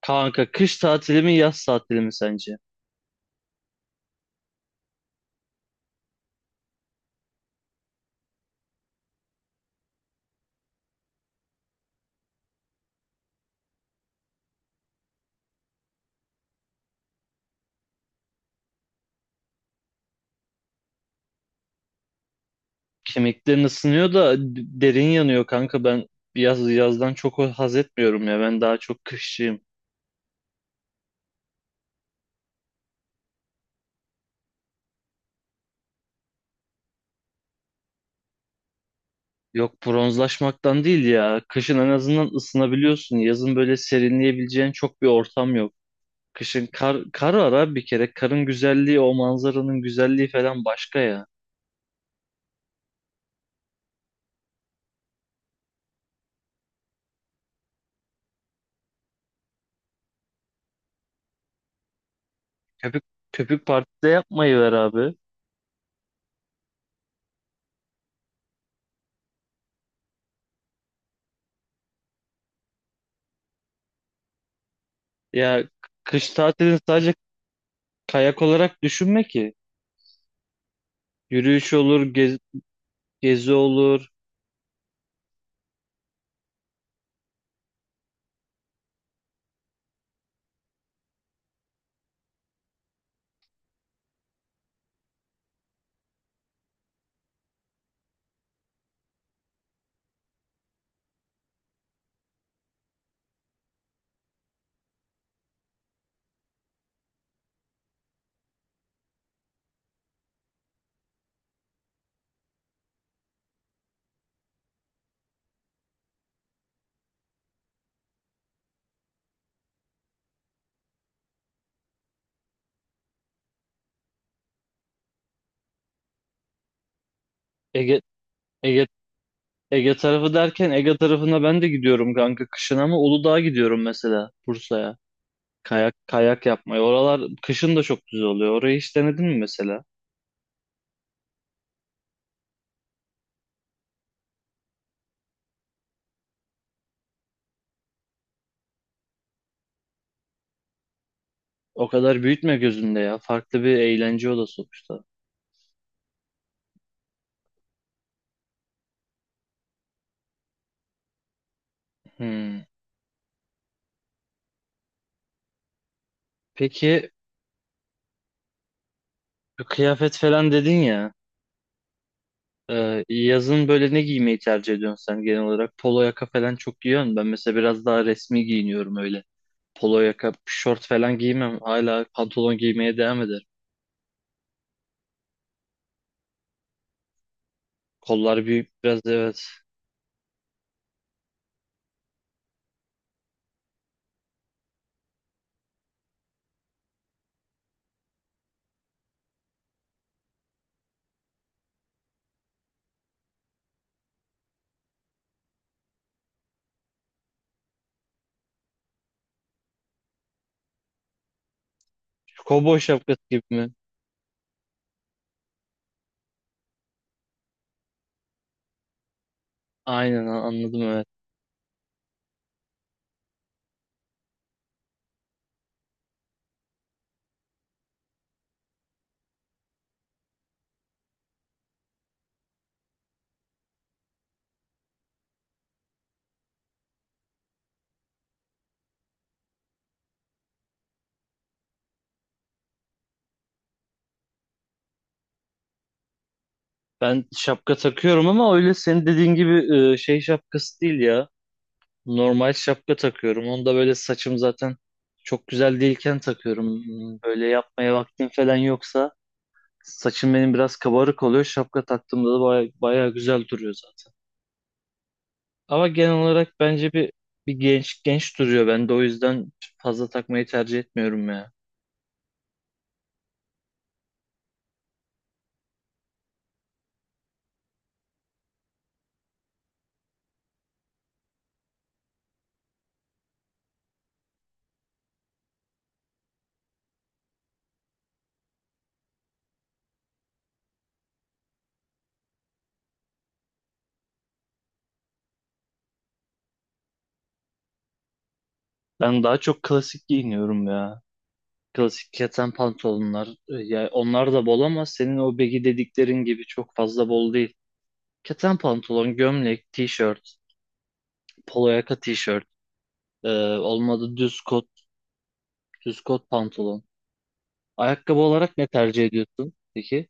Kanka kış tatili mi yaz tatili mi sence? Kemiklerin ısınıyor da derin yanıyor kanka ben yazdan çok haz etmiyorum ya, ben daha çok kışçıyım. Yok, bronzlaşmaktan değil ya. Kışın en azından ısınabiliyorsun. Yazın böyle serinleyebileceğin çok bir ortam yok. Kışın kar var abi bir kere. Karın güzelliği, o manzaranın güzelliği falan başka ya. Köpük, köpük partide yapmayı ver abi. Ya kış tatilini sadece kayak olarak düşünme ki. Yürüyüş olur, gez, gezi olur. Ege Ege Ege tarafı derken Ege tarafına ben de gidiyorum kanka kışın, ama Uludağ'a gidiyorum mesela, Bursa'ya. Kayak yapmaya. Oralar kışın da çok güzel oluyor. Orayı hiç denedin mi mesela? O kadar büyütme gözünde ya. Farklı bir eğlence o da sonuçta. Hmm. Peki, kıyafet falan dedin ya. Yazın böyle ne giymeyi tercih ediyorsun sen genel olarak? Polo yaka falan çok giyiyorsun. Ben mesela biraz daha resmi giyiniyorum öyle. Polo yaka, şort falan giymem. Hala pantolon giymeye devam ederim. Kollar büyük biraz, evet. Şu kovboy şapkası gibi mi? Aynen, anladım, evet. Ben şapka takıyorum ama öyle senin dediğin gibi şey şapkası değil ya. Normal şapka takıyorum. Onu da böyle saçım zaten çok güzel değilken takıyorum. Hmm. Böyle yapmaya vaktim falan yoksa saçım benim biraz kabarık oluyor. Şapka taktığımda da baya, baya güzel duruyor zaten. Ama genel olarak bence bir genç duruyor. Ben de o yüzden fazla takmayı tercih etmiyorum ya. Ben daha çok klasik giyiniyorum ya. Klasik keten pantolonlar. Yani onlar da bol ama senin o begi dediklerin gibi çok fazla bol değil. Keten pantolon, gömlek, tişört, polo yaka tişört, e, olmadı düz kot, düz kot pantolon. Ayakkabı olarak ne tercih ediyorsun peki?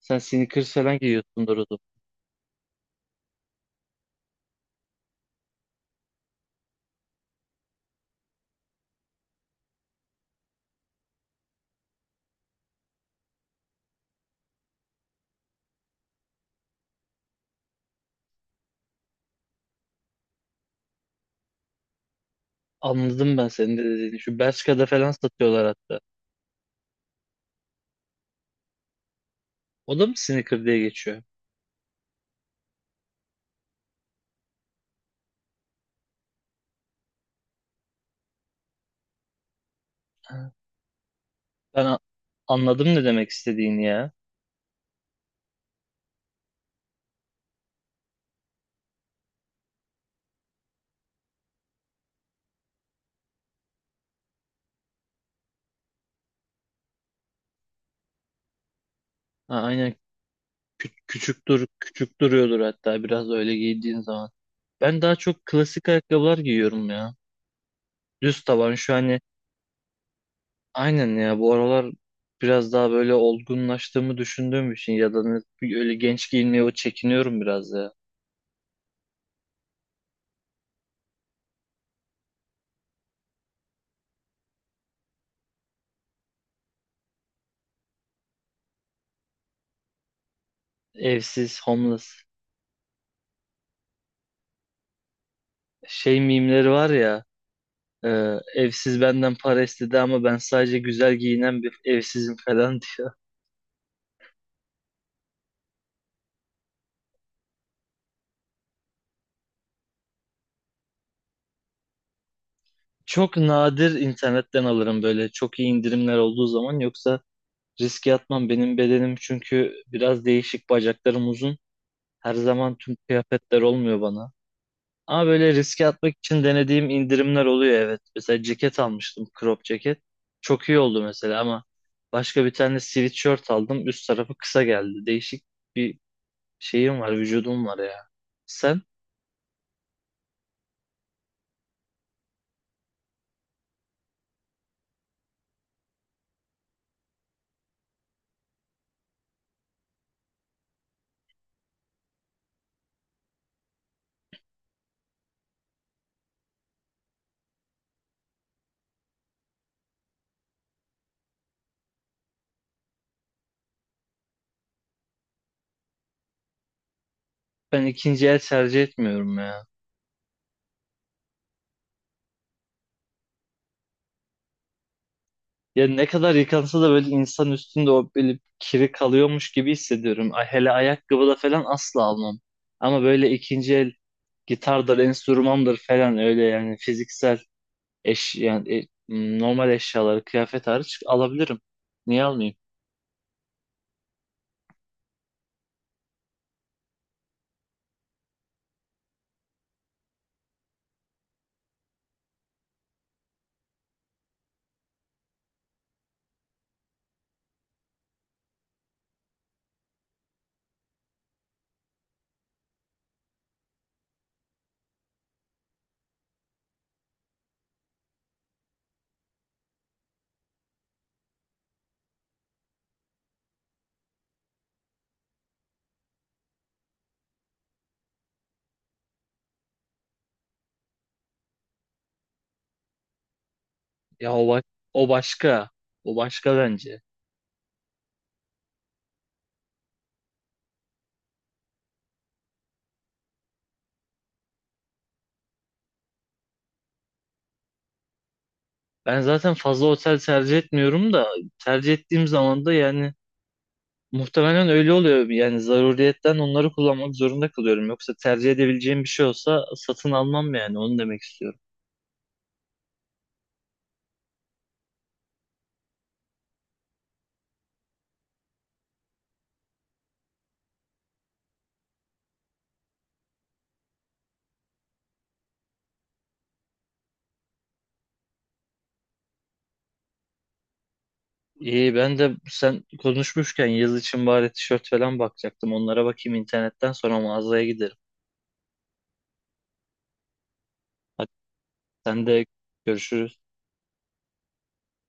Sen sneakers falan giyiyorsundur o zaman. Anladım ben senin de dediğini. Şu Bershka'da falan satıyorlar hatta. O da mı sneaker diye geçiyor? Ha, ben anladım ne demek istediğini ya. Ha, aynen. Küçük duruyordur hatta biraz öyle giydiğin zaman. Ben daha çok klasik ayakkabılar giyiyorum ya. Düz taban şu hani, aynen ya, bu aralar biraz daha böyle olgunlaştığımı düşündüğüm için ya da öyle genç giyinmeye o çekiniyorum biraz ya. Evsiz, homeless şey mimleri var ya, e, evsiz benden para istedi ama ben sadece güzel giyinen bir evsizim falan diyor. Çok nadir internetten alırım, böyle çok iyi indirimler olduğu zaman, yoksa riske atmam. Benim bedenim çünkü biraz değişik, bacaklarım uzun. Her zaman tüm kıyafetler olmuyor bana. Ama böyle riske atmak için denediğim indirimler oluyor, evet. Mesela ceket almıştım, crop ceket. Çok iyi oldu mesela, ama başka bir tane sweatshirt aldım. Üst tarafı kısa geldi. Değişik bir şeyim var, vücudum var ya. Sen? Ben ikinci el tercih etmiyorum ya. Ya ne kadar yıkansa da böyle insan üstünde o böyle kiri kalıyormuş gibi hissediyorum. Ay, hele ayakkabı da falan asla almam. Ama böyle ikinci el gitardır, enstrümandır falan, öyle yani fiziksel yani normal eşyaları kıyafet hariç alabilirim. Niye almayayım? Ya o, o başka. O başka bence. Ben zaten fazla otel tercih etmiyorum da tercih ettiğim zaman da yani muhtemelen öyle oluyor. Yani zaruriyetten onları kullanmak zorunda kalıyorum. Yoksa tercih edebileceğim bir şey olsa satın almam, yani onu demek istiyorum. İyi, ben de sen konuşmuşken yaz için bari tişört falan bakacaktım. Onlara bakayım internetten, sonra mağazaya giderim. Hadi sen de, görüşürüz.